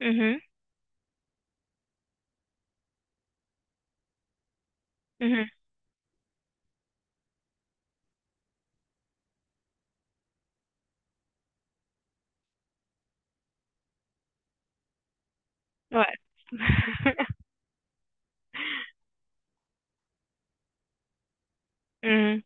اها، اها، وقت. اها،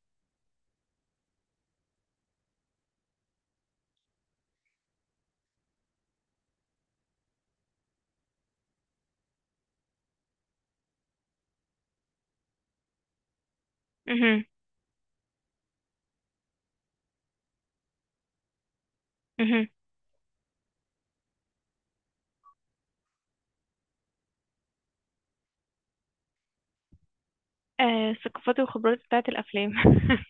اها، اها. الثقافات والخبرات بتاعة الأفلام.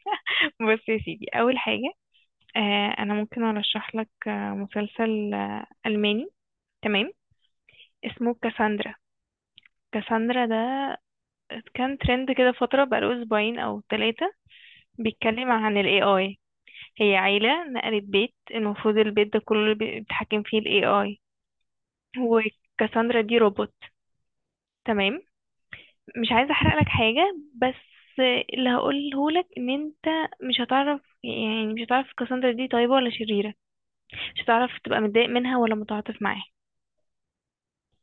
بص يا سيدي. أول حاجة، أنا ممكن أرشح لك مسلسل ألماني. تمام. اسمه كاساندرا. كاساندرا ده كان ترند كده فترة بقاله أسبوعين أو ثلاثة. بيتكلم عن ال AI. هي عيلة نقلت بيت، المفروض البيت ده كله بيتحكم فيه ال AI. وكاساندرا دي روبوت. تمام. مش عايزه احرق لك حاجه، بس اللي هقوله لك ان انت مش هتعرف، يعني مش هتعرف كاساندرا دي طيبه ولا شريره. مش هتعرف تبقى متضايق منها ولا متعاطف معاها.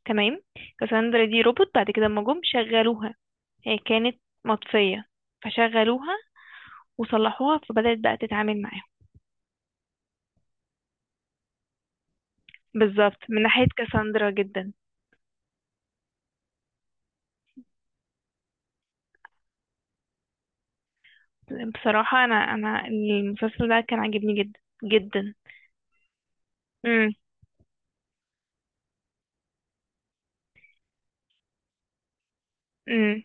تمام. كاساندرا دي روبوت. بعد كده لما جم شغلوها، هي كانت مطفيه، فشغلوها وصلحوها فبدات بقى تتعامل معاهم. بالظبط. من ناحيه كاساندرا جدا. بصراحه، انا المسلسل ده كان عاجبني جدا جدا. امم. امم.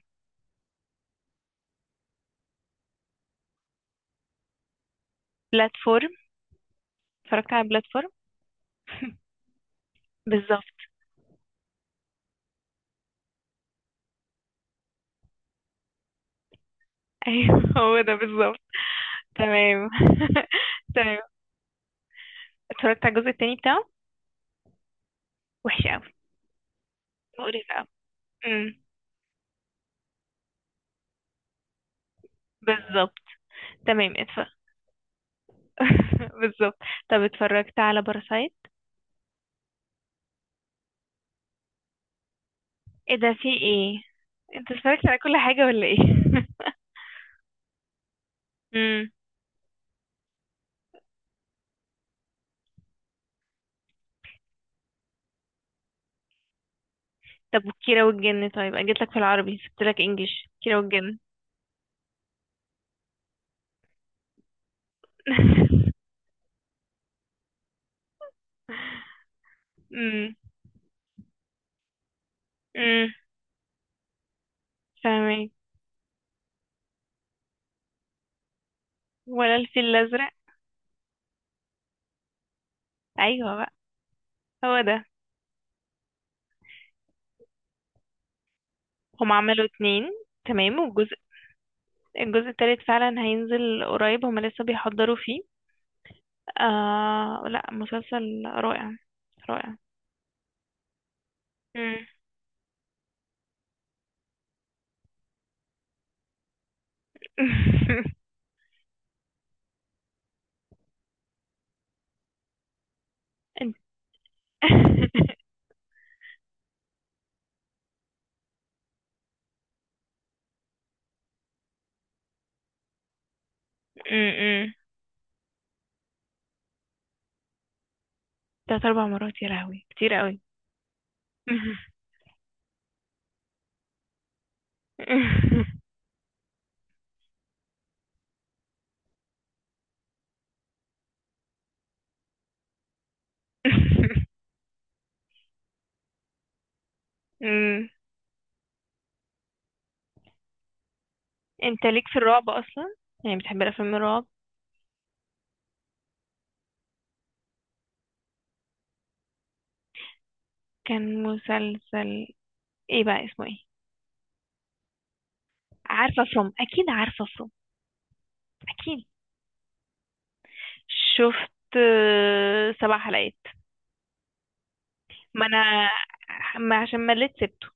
بلاتفورم. اتفرجت على بلاتفورم. بالظبط. ايوه، هو ده بالظبط. تمام. تمام. اتفرجت على الجزء التاني بتاعه. وحش قوي. مقرف قوي. امم. بالظبط. تمام، اتفرج. بالظبط. طب، اتفرجت على باراسايت؟ ايه ده، في ايه؟ انت اتفرجت على كل حاجة ولا ايه؟ امم. طب، وكيرة والجن؟ طيب، انا جيت لك في العربي سبت لك انجليش. كيرة والجن. امم. امم. فاهمك. ولا الفيل الازرق؟ ايوه بقى، هو ده. هم عملوا اتنين. تمام. الجزء التالت فعلا هينزل قريب، هما لسه بيحضروا فيه. آه، لا، مسلسل رائع. رائع. مم. انت- مم، مم. تلات اربع مرات؟ يا لهوي، كتير قوي. مم. انت ليك في الرعب اصلا؟ يعني بتحب الافلام الرعب؟ كان مسلسل. ايه بقى اسمه ايه؟ عارفه فروم؟ اكيد عارفه فروم. اكيد. شفت سبع حلقات. ما انا، ما عشان مليت سبته.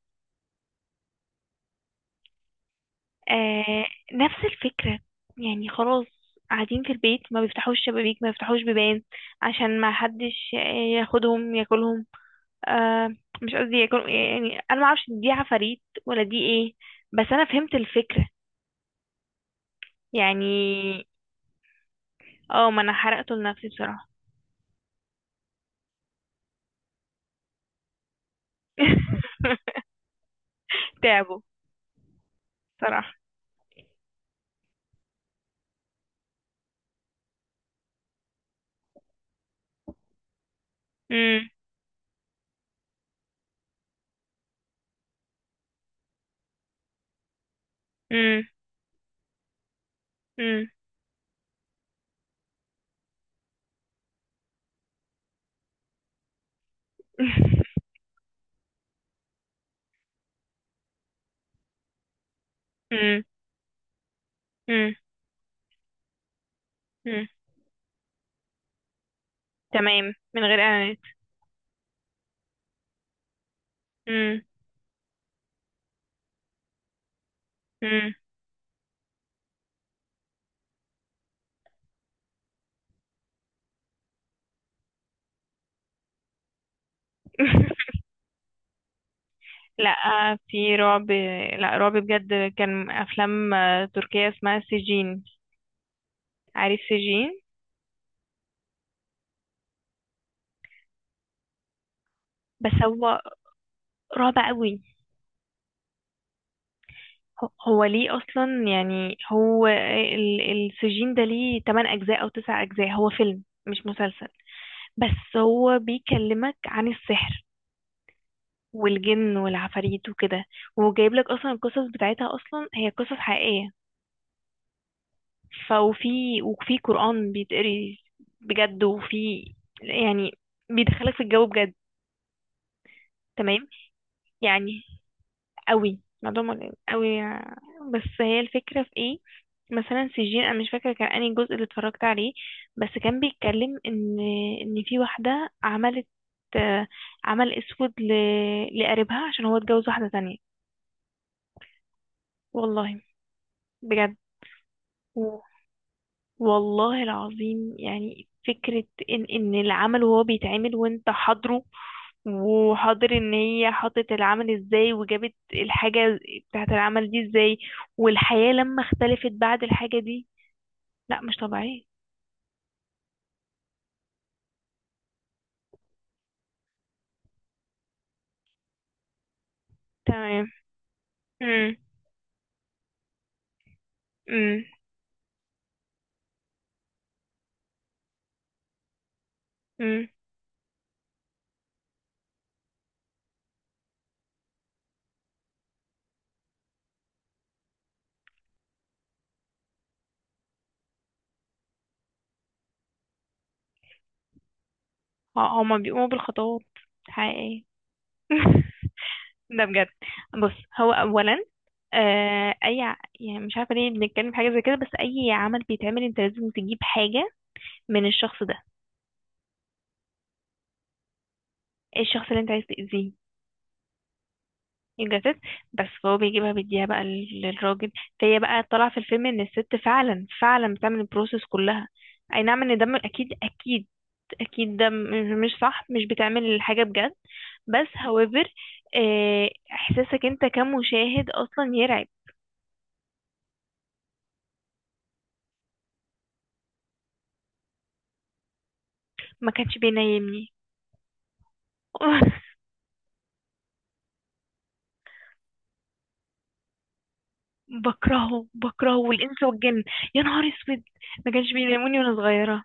آه، نفس الفكرة. يعني خلاص، قاعدين في البيت ما بيفتحوش شبابيك، ما بيفتحوش بيبان عشان ما حدش ياخدهم ياكلهم. آه، مش قصدي ياكل يعني، انا ما اعرفش دي عفاريت ولا دي ايه، بس انا فهمت الفكرة يعني. اه، ما انا حرقته لنفسي بصراحة. تعبوا. صراحة. امم. امم. امم. امم. امم. امم. تمام، من غير اعلانات. امم. امم. لا، في رعب. لا، رعب بجد كان افلام تركية اسمها سجين. عارف سجين؟ بس هو رعب قوي. هو ليه اصلا، يعني هو السجين ده ليه 8 اجزاء او 9 اجزاء؟ هو فيلم مش مسلسل. بس هو بيكلمك عن السحر والجن والعفاريت وكده. وجايب لك اصلا، القصص بتاعتها اصلا هي قصص حقيقية. فوفي وفي قرآن بيتقري، بجد، وفي يعني بيدخلك في الجو بجد. تمام. يعني قوي الموضوع قوي. بس هي الفكرة في ايه؟ مثلا سجين، انا مش فاكرة كان انهي جزء اللي اتفرجت عليه. بس كان بيتكلم ان في واحدة عملت آه، عمل اسود لقريبها عشان هو اتجوز واحدة تانية. والله، بجد، والله العظيم، يعني فكرة ان العمل وهو بيتعمل وانت حاضره، وحاضر ان هي حطت العمل ازاي، وجابت الحاجة بتاعت العمل دي ازاي، والحياة لما اختلفت بعد الحاجة دي. لا، مش طبيعية. تمام. امم. امم. امم. هما بيقوموا بالخطوات حقيقية. ده بجد. بص، هو اولا، آه، اي يعني مش عارفه ليه بنتكلم في حاجه زي كده، بس اي عمل بيتعمل انت لازم تجيب حاجه من الشخص ده. ايه الشخص اللي انت عايز تأذيه؟ الجساس. بس فهو بيجيبها بيديها بقى للراجل. فهي بقى طالعة في الفيلم ان الست فعلا فعلا بتعمل البروسيس كلها. اي نعم، ان ده اكيد، اكيد، اكيد ده مش صح، مش بتعمل الحاجة بجد. بس however، احساسك انت كمشاهد اصلا يرعب. ما كانش بينيمني. بكرهه، بكرهه والانس والجن. يا نهار اسود، ما كانش بيناموني وانا صغيرة.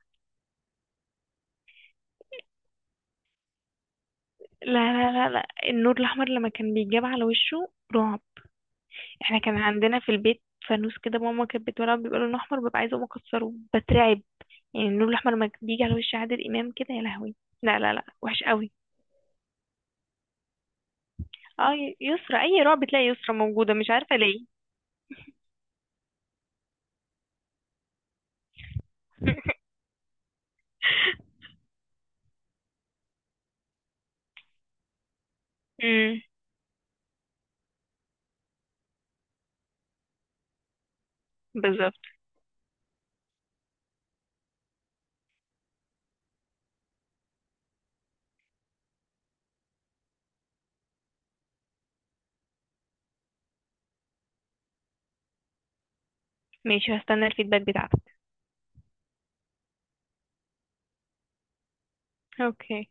لا، لا، لا، لا، النور الاحمر لما كان بيتجاب على وشه رعب. احنا كان عندنا في البيت فانوس كده، ماما كانت بتولعه بيبقى لونه احمر، ببقى عايزه اقوم اكسره، بترعب. يعني النور الاحمر لما بيجي على وش عادل امام كده، يا لهوي. لا، لا، لا، وحش قوي. اه، يسرى، اي رعب بتلاقي يسرى موجوده، مش عارفه ليه. امم. بالظبط. ماشي، هستنى الفيدباك بتاعتك. اوكي.